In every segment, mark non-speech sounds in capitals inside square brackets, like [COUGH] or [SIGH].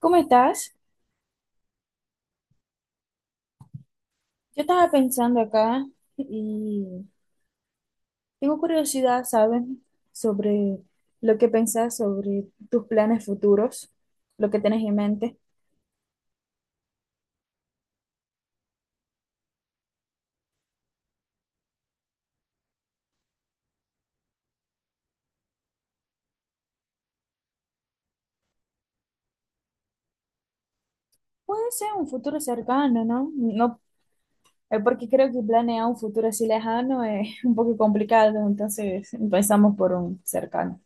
¿Cómo estás? Yo estaba pensando acá y tengo curiosidad, ¿saben? Sobre lo que pensás sobre tus planes futuros, lo que tenés en mente. Puede ser un futuro cercano, ¿no? No, porque creo que planear un futuro así lejano es [LAUGHS] un poco complicado, entonces empezamos por un cercano.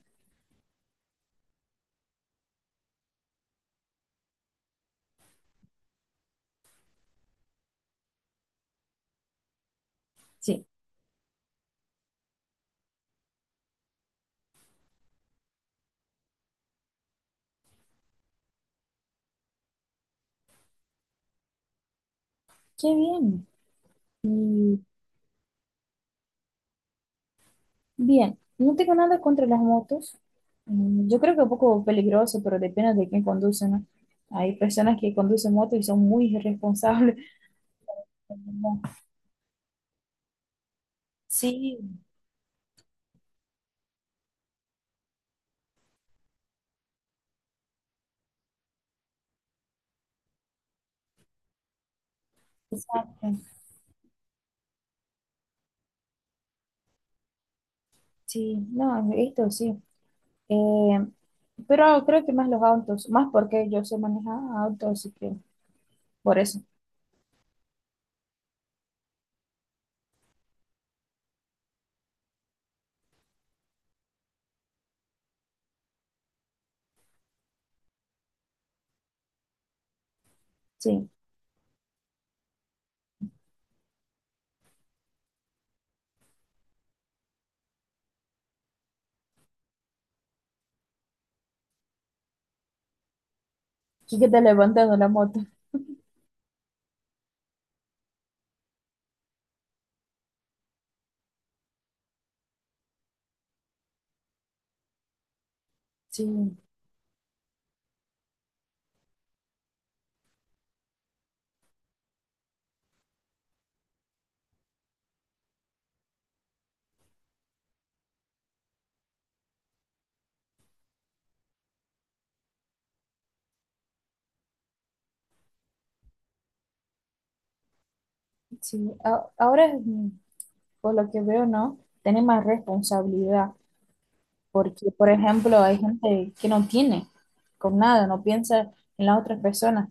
Sí, qué bien. Bien, no tengo nada contra las motos. Mm, yo creo que es un poco peligroso, pero depende de quién conduce, ¿no? Hay personas que conducen motos y son muy irresponsables. [LAUGHS] No. Sí, exacto. Sí, no, esto sí. Eh, pero creo que más los autos, más porque yo sé manejar autos, así que por eso, sí. Sí que te levantando la moto. Sí, sí. Ahora, mm, por lo que veo, ¿no? Tenés más responsabilidad. Porque, por ejemplo, hay gente que no tiene con nada, no piensa en las otras personas,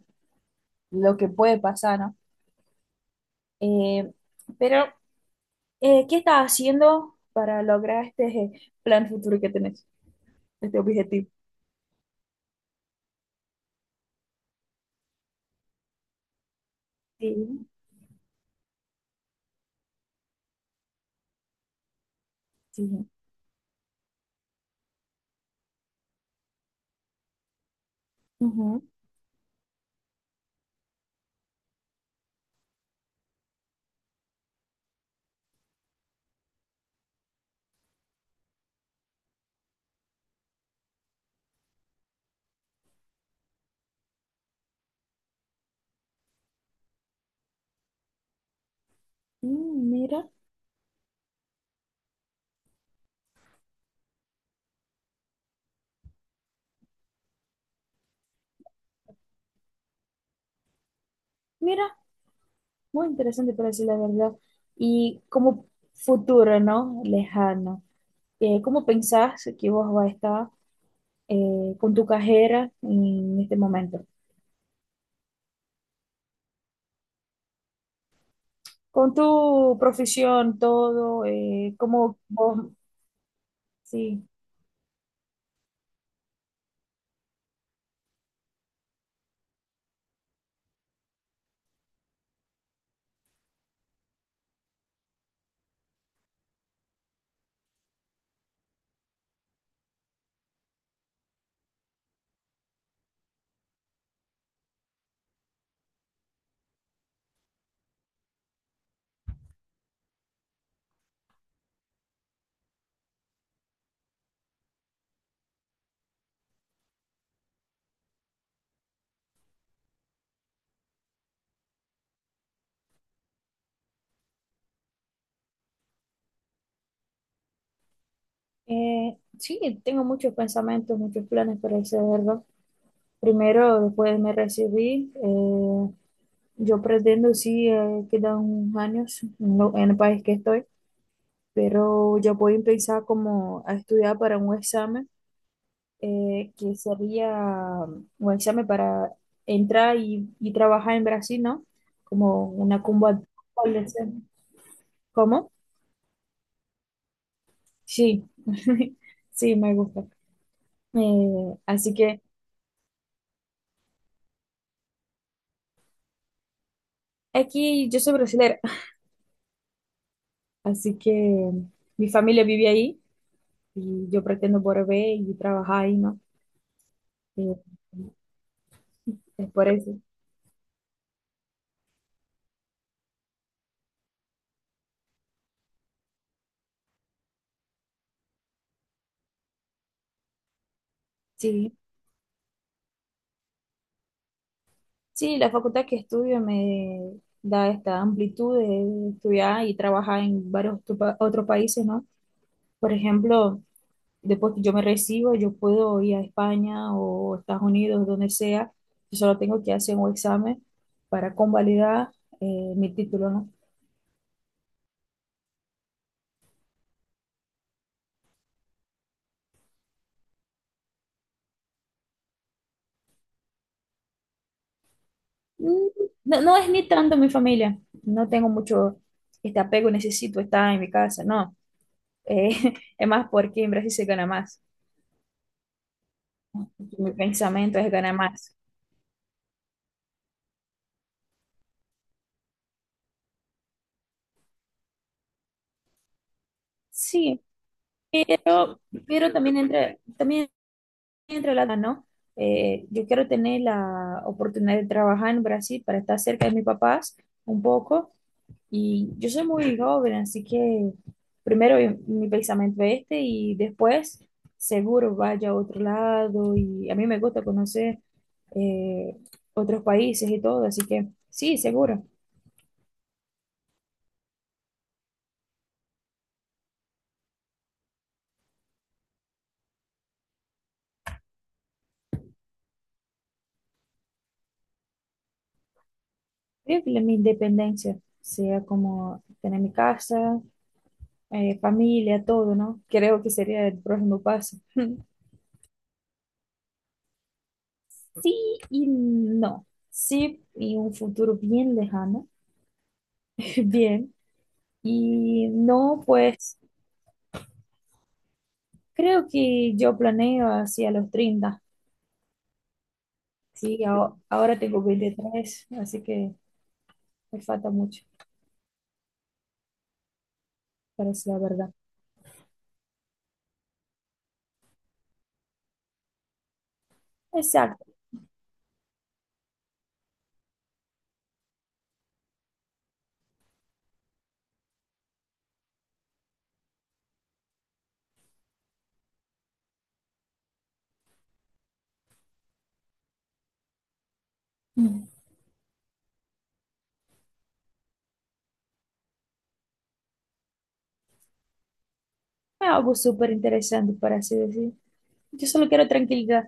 lo que puede pasar, ¿no? Eh, pero, ¿Qué estás haciendo para lograr este plan futuro que tenés, este objetivo? Sí, sí. Ujú. Mm, mira, mira, muy interesante para decir la verdad. Y como futuro, ¿no? Lejano. ¿Cómo pensás que vos vas a estar con tu carrera en este momento? Con tu profesión, todo, como vos, sí, sí, tengo muchos pensamientos, muchos planes para hacerlo. Primero, después me recibí, yo pretendo, sí, quedan unos años en, en el país que estoy, pero yo voy a pensar como a estudiar para un examen, que sería un examen para entrar y trabajar en Brasil, ¿no? Como una cumbre. ¿Cómo? Sí, [LAUGHS] sí, me gusta. Así que aquí yo soy brasileña [LAUGHS] así que mi familia vive ahí y yo pretendo volver y trabajar ahí, ¿no? Eh, es por eso. Sí, sí, la facultad que estudio me da esta amplitud de estudiar y trabajar en varios otros países, ¿no? Por ejemplo, después que yo me recibo, yo puedo ir a España o Estados Unidos, donde sea. Yo solo tengo que hacer un examen para convalidar mi título, ¿no? Mm, no, no es ni tanto mi familia. No tengo mucho este apego, necesito estar en mi casa, no. Eh, [LAUGHS] es más porque en Brasil se gana más. Mi pensamiento es ganar más. Sí, pero, pero también entre la, ¿no? Yo quiero tener la oportunidad de trabajar en Brasil para estar cerca de mis papás un poco. Y yo soy muy joven, así que primero mi pensamiento es este y después seguro vaya a otro lado. Y a mí me gusta conocer eh, otros países y todo, así que sí, seguro. Creo que mi independencia sea como tener mi casa, familia, todo, ¿no? Creo que sería el próximo paso. [LAUGHS] Sí y no. Sí, y un futuro bien lejano, [LAUGHS] bien. Y no, pues creo que yo planeo hacia los 30. Sí, ahora tengo 23, así que me falta mucho, para decir la verdad. Exacto. Mm. Algo súper interesante, para así decir. Yo solo quiero tranquilidad.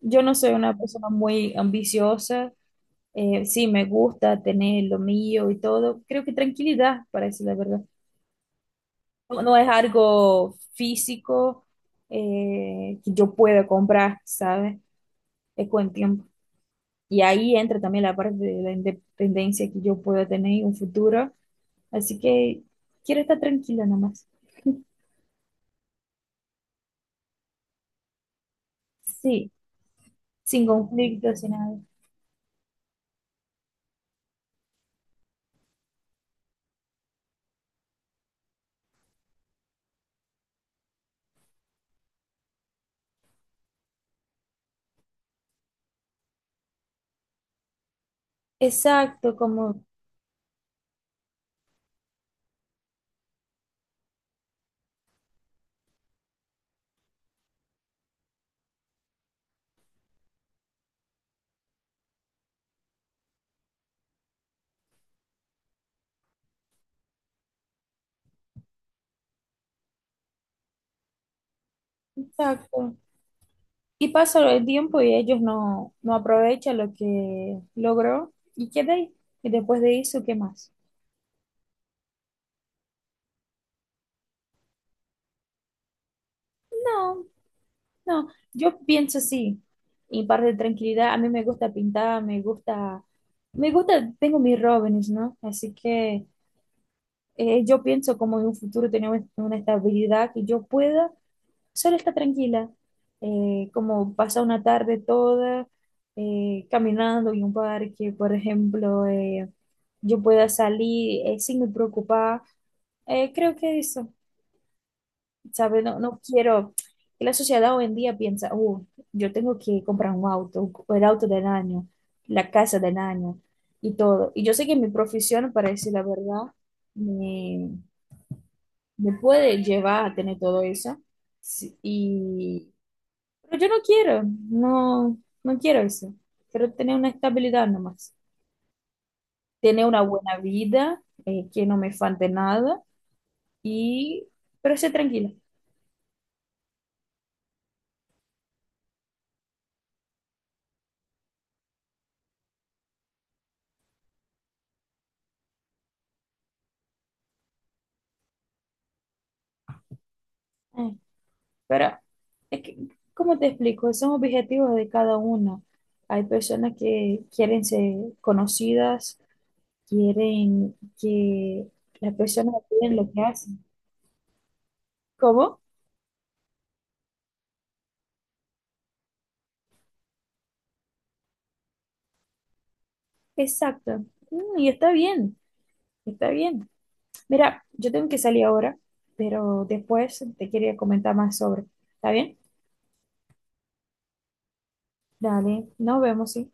Yo no soy una persona muy ambiciosa. Sí, me gusta tener lo mío y todo. Creo que tranquilidad, para decir la verdad. No, no es algo físico que yo pueda comprar, ¿sabes? Es con el tiempo. Y ahí entra también la parte de la independencia que yo pueda tener en un futuro. Así que quiero estar tranquila nomás. Sí, sin conflictos, sin nada. Exacto, como, exacto. Y pasa el tiempo y ellos no, no aprovechan lo que logró y queda ahí. Y después de eso, ¿qué más? No, no, yo pienso así. Y parte de tranquilidad, a mí me gusta pintar, tengo mis Robins, ¿no? Así que yo pienso como en un futuro tener una estabilidad que yo pueda solo estar tranquila, como pasar una tarde toda caminando en un parque, por ejemplo, yo pueda salir sin me preocupar. Creo que eso. ¿Sabes? No, no quiero. Y la sociedad hoy en día piensa, yo tengo que comprar un auto, el auto del año, la casa del año y todo." Y yo sé que mi profesión, para decir la verdad, me, me puede llevar a tener todo eso. Sí, y, pero yo no quiero, no, no quiero eso. Quiero tener una estabilidad nomás. Tener una buena vida, que no me falte nada y, pero ser tranquila. Pero, es que, ¿cómo te explico? Son objetivos de cada uno. Hay personas que quieren ser conocidas, quieren que las personas vean lo que hacen. ¿Cómo? Exacto. Mm, y está bien, está bien. Mira, yo tengo que salir ahora, pero después te quería comentar más sobre. ¿Está bien? Dale, nos vemos, sí.